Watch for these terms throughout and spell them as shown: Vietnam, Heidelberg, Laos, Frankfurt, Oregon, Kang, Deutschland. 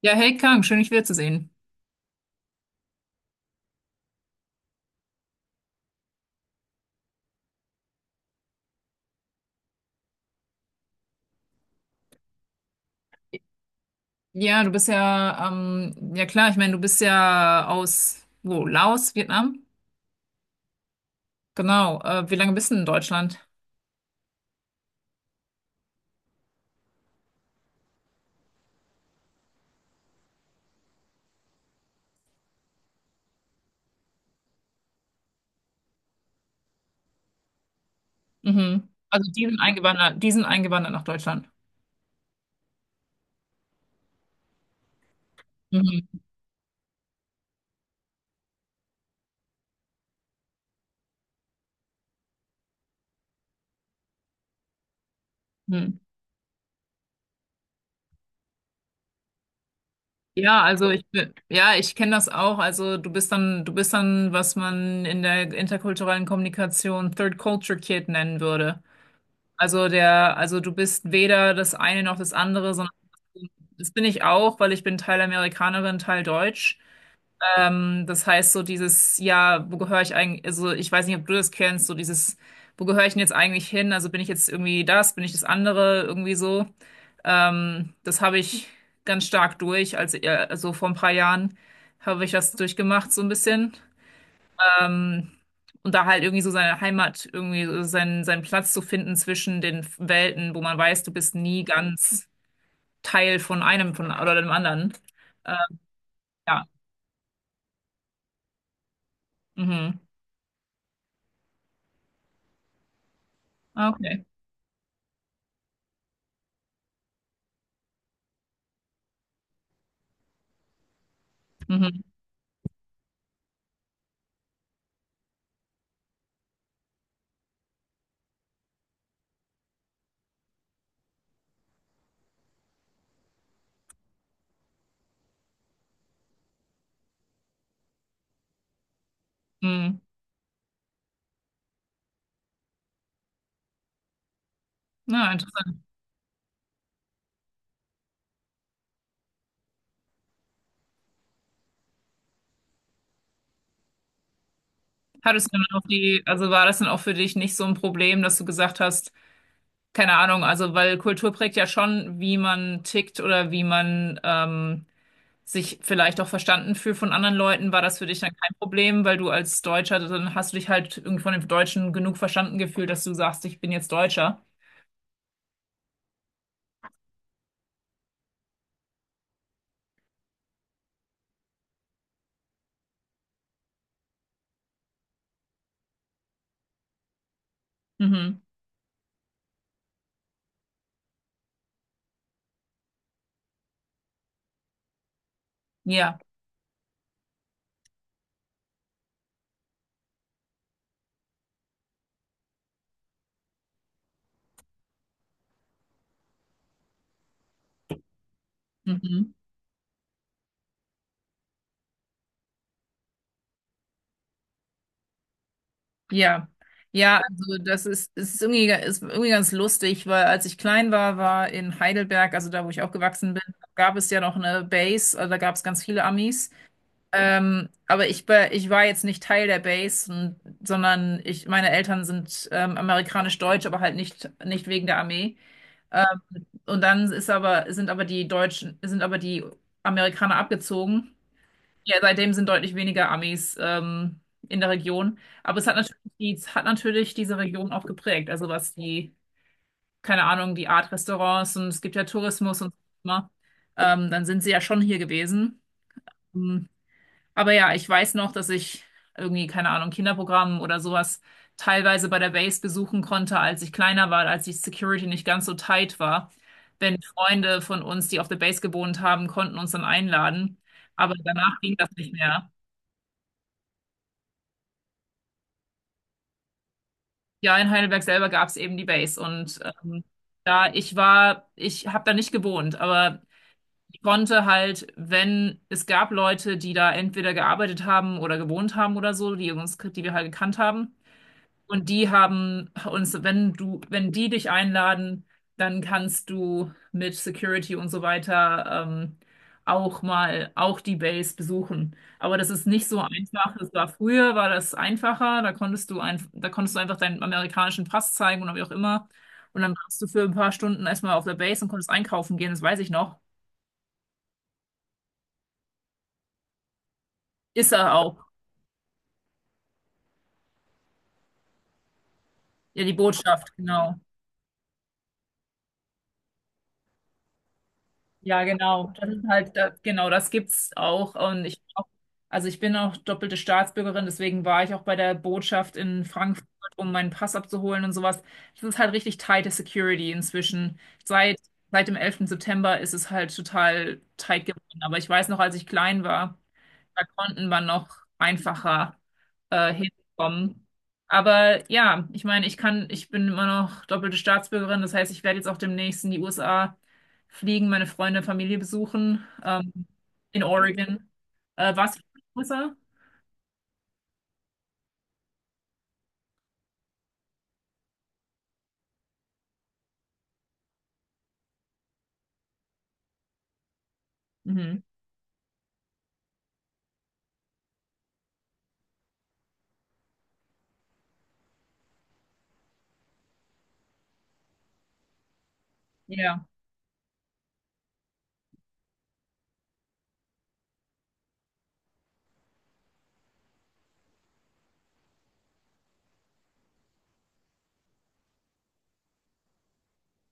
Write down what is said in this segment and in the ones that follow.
Ja, hey Kang, schön dich wiederzusehen. Ja, du bist ja, ja klar, ich meine, du bist ja aus, wo, Laos, Vietnam? Genau. Wie lange bist du in Deutschland? Mhm. Also die sind eingewandert nach Deutschland. Mhm. Mhm. Ja, also ja, ich kenne das auch. Also du bist dann, was man in der interkulturellen Kommunikation Third Culture Kid nennen würde. Also du bist weder das eine noch das andere, sondern das bin ich auch, weil ich bin Teil Amerikanerin, Teil Deutsch. Das heißt, so dieses, ja, wo gehöre ich eigentlich, also ich weiß nicht, ob du das kennst, so dieses, wo gehöre ich denn jetzt eigentlich hin? Also bin ich jetzt irgendwie das, bin ich das andere, irgendwie so. Das habe ich ganz stark durch, also vor ein paar Jahren habe ich das durchgemacht, so ein bisschen. Ähm, und da halt irgendwie so seine Heimat, irgendwie so seinen Platz zu finden zwischen den Welten, wo man weiß, du bist nie ganz Teil von einem von, oder dem anderen. Äh, ja, mhm. Ah, okay. Mhm. Mhm. Na, interessant. Hat es denn auch also war das denn auch für dich nicht so ein Problem, dass du gesagt hast, keine Ahnung, also weil Kultur prägt ja schon, wie man tickt oder wie man sich vielleicht auch verstanden fühlt von anderen Leuten. War das für dich dann kein Problem, weil du als Deutscher, dann hast du dich halt irgendwie von den Deutschen genug verstanden gefühlt, dass du sagst, ich bin jetzt Deutscher. Mhm. Ja. Mhm. Ja, ja, also das ist, es ist irgendwie ganz lustig, weil als ich klein war, war in Heidelberg, also da, wo ich aufgewachsen bin, gab es ja noch eine Base, also da gab es ganz viele Amis. Aber ich war jetzt nicht Teil der Base, und, sondern meine Eltern sind amerikanisch-deutsch, aber halt nicht wegen der Armee. Ähm, und dann sind aber die Amerikaner abgezogen. Ja, seitdem sind deutlich weniger Amis in der Region. Aber es hat natürlich diese Region auch geprägt. Also was keine Ahnung, die Art Restaurants und es gibt ja Tourismus und so immer. Dann sind sie ja schon hier gewesen. Hm. Aber ja, ich weiß noch, dass ich irgendwie, keine Ahnung, Kinderprogramm oder sowas teilweise bei der Base besuchen konnte, als ich kleiner war, als die Security nicht ganz so tight war. Wenn Freunde von uns, die auf der Base gewohnt haben, konnten uns dann einladen. Aber danach ging das nicht mehr. Ja, in Heidelberg selber gab es eben die Base und ich habe da nicht gewohnt, aber ich konnte halt, wenn es gab Leute, die da entweder gearbeitet haben oder gewohnt haben oder so, die wir halt gekannt haben, und die haben uns, wenn die dich einladen, dann kannst du mit Security und so weiter auch mal auch die Base besuchen. Aber das ist nicht so einfach. Das war früher, war das einfacher. Da konntest du einfach deinen amerikanischen Pass zeigen oder wie auch immer. Und dann warst du für ein paar Stunden erstmal auf der Base und konntest einkaufen gehen. Das weiß ich noch. Ist er auch. Ja, die Botschaft, genau. Ja, genau. Das ist halt, genau, das gibt's auch. Und also ich bin auch doppelte Staatsbürgerin, deswegen war ich auch bei der Botschaft in Frankfurt, um meinen Pass abzuholen und sowas. Das ist halt richtig tighte Security inzwischen. Seit, seit dem elften September ist es halt total tight geworden. Aber ich weiß noch, als ich klein war, da konnten wir noch einfacher hinkommen. Aber ja, ich meine, ich bin immer noch doppelte Staatsbürgerin. Das heißt, ich werde jetzt auch demnächst in die USA fliegen, meine Freunde, Familie besuchen, in Oregon. Warst du in den USA? Mhm. Ja.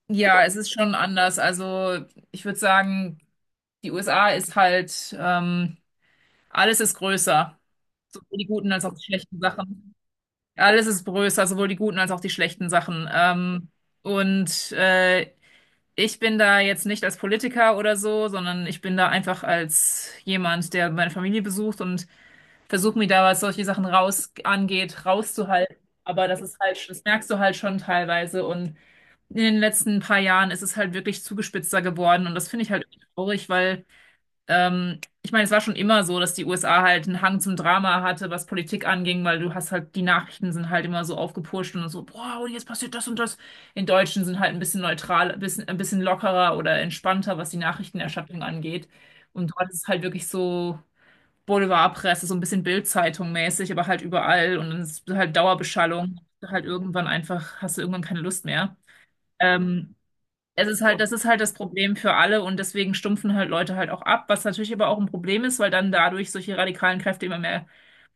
Ja, es ist schon anders. Also ich würde sagen, die USA ist halt, alles ist größer. Sowohl die guten als auch die schlechten Sachen. Alles ist größer, sowohl die guten als auch die schlechten Sachen. Und ich bin da jetzt nicht als Politiker oder so, sondern ich bin da einfach als jemand, der meine Familie besucht und versuche mir da, was solche Sachen raus angeht, rauszuhalten. Aber das ist halt, das merkst du halt schon teilweise. Und in den letzten paar Jahren ist es halt wirklich zugespitzter geworden. Und das finde ich halt traurig, weil ich meine, es war schon immer so, dass die USA halt einen Hang zum Drama hatte, was Politik anging, weil du hast halt, die Nachrichten sind halt immer so aufgepusht und so, boah, und jetzt passiert das und das. In Deutschen sind halt ein bisschen neutral, ein bisschen lockerer oder entspannter, was die Nachrichtenerstattung angeht. Und dort ist es halt wirklich so Boulevardpresse, so ein bisschen Bild-Zeitung mäßig, aber halt überall und dann ist halt Dauerbeschallung. Halt irgendwann einfach, hast du irgendwann keine Lust mehr. Ähm, Es ist halt das Problem für alle und deswegen stumpfen halt Leute halt auch ab, was natürlich aber auch ein Problem ist, weil dann dadurch solche radikalen Kräfte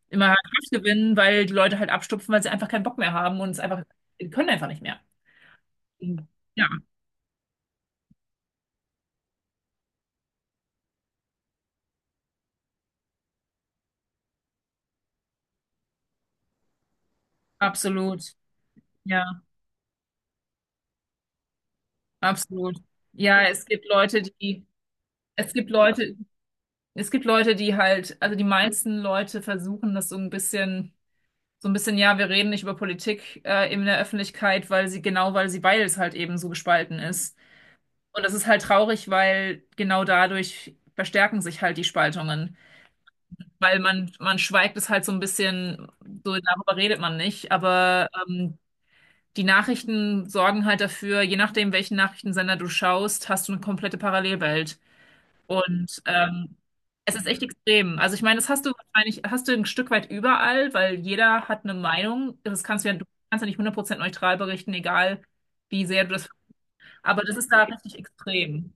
immer mehr Kraft gewinnen, weil die Leute halt abstumpfen, weil sie einfach keinen Bock mehr haben und es einfach, die können einfach nicht mehr. Ja, absolut. Ja, absolut. Ja, es gibt Leute, es gibt Leute, es gibt Leute, die halt, also die meisten Leute versuchen das so ein bisschen, ja, wir reden nicht über Politik in der Öffentlichkeit, genau, weil es halt eben so gespalten ist. Und das ist halt traurig, weil genau dadurch verstärken sich halt die Spaltungen. Weil man schweigt es halt so ein bisschen, so darüber redet man nicht. Aber die Nachrichten sorgen halt dafür, je nachdem, welchen Nachrichtensender du schaust, hast du eine komplette Parallelwelt. Und es ist echt extrem. Also ich meine, das hast du ein Stück weit überall, weil jeder hat eine Meinung. Das kannst du ja, Du kannst ja nicht 100% neutral berichten, egal wie sehr du das. Aber das ist da richtig extrem.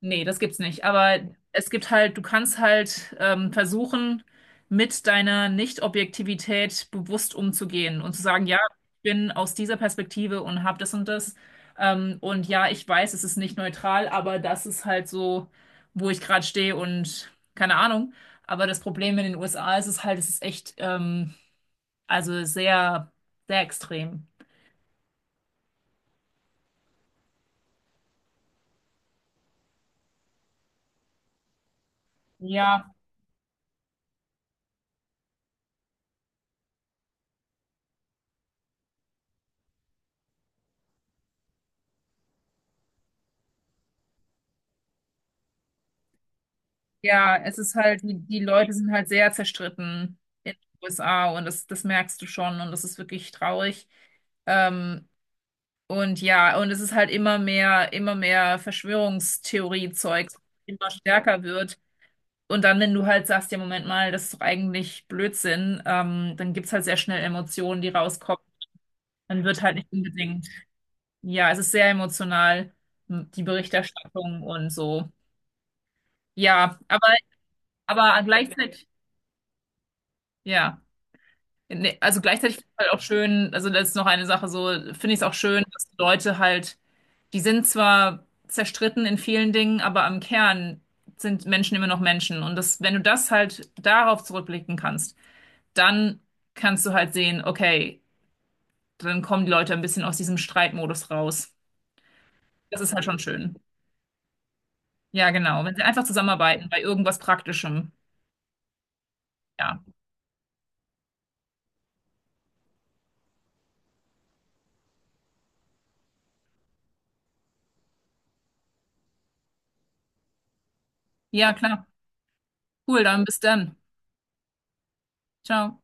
Nee, das gibt's nicht. Aber es gibt halt, du kannst halt versuchen, mit deiner Nicht-Objektivität bewusst umzugehen und zu sagen, ja, ich bin aus dieser Perspektive und habe das und das. Und ja, ich weiß, es ist nicht neutral, aber das ist halt so, wo ich gerade stehe und keine Ahnung. Aber das Problem in den USA ist es halt, es ist echt, also sehr, sehr extrem. Ja, ja, es ist halt, die Leute sind halt sehr zerstritten in den USA und das merkst du schon und das ist wirklich traurig. Ähm, und ja, und es ist halt immer mehr Verschwörungstheorie-Zeug, immer stärker wird. Und dann, wenn du halt sagst, ja, Moment mal, das ist doch eigentlich Blödsinn, dann gibt's halt sehr schnell Emotionen, die rauskommen. Dann wird halt nicht unbedingt, ja, es ist sehr emotional, die Berichterstattung und so. Ja, aber gleichzeitig, ja. Nee, also gleichzeitig finde ich halt auch schön, also das ist noch eine Sache so, finde ich es auch schön, dass die Leute halt, die sind zwar zerstritten in vielen Dingen, aber am Kern sind Menschen immer noch Menschen. Und das, wenn du das halt darauf zurückblicken kannst, dann kannst du halt sehen, okay, dann kommen die Leute ein bisschen aus diesem Streitmodus raus. Das ist halt schon schön. Ja, genau. Wenn sie einfach zusammenarbeiten bei irgendwas Praktischem. Ja. Ja, klar. Cool, dann bis dann. Ciao.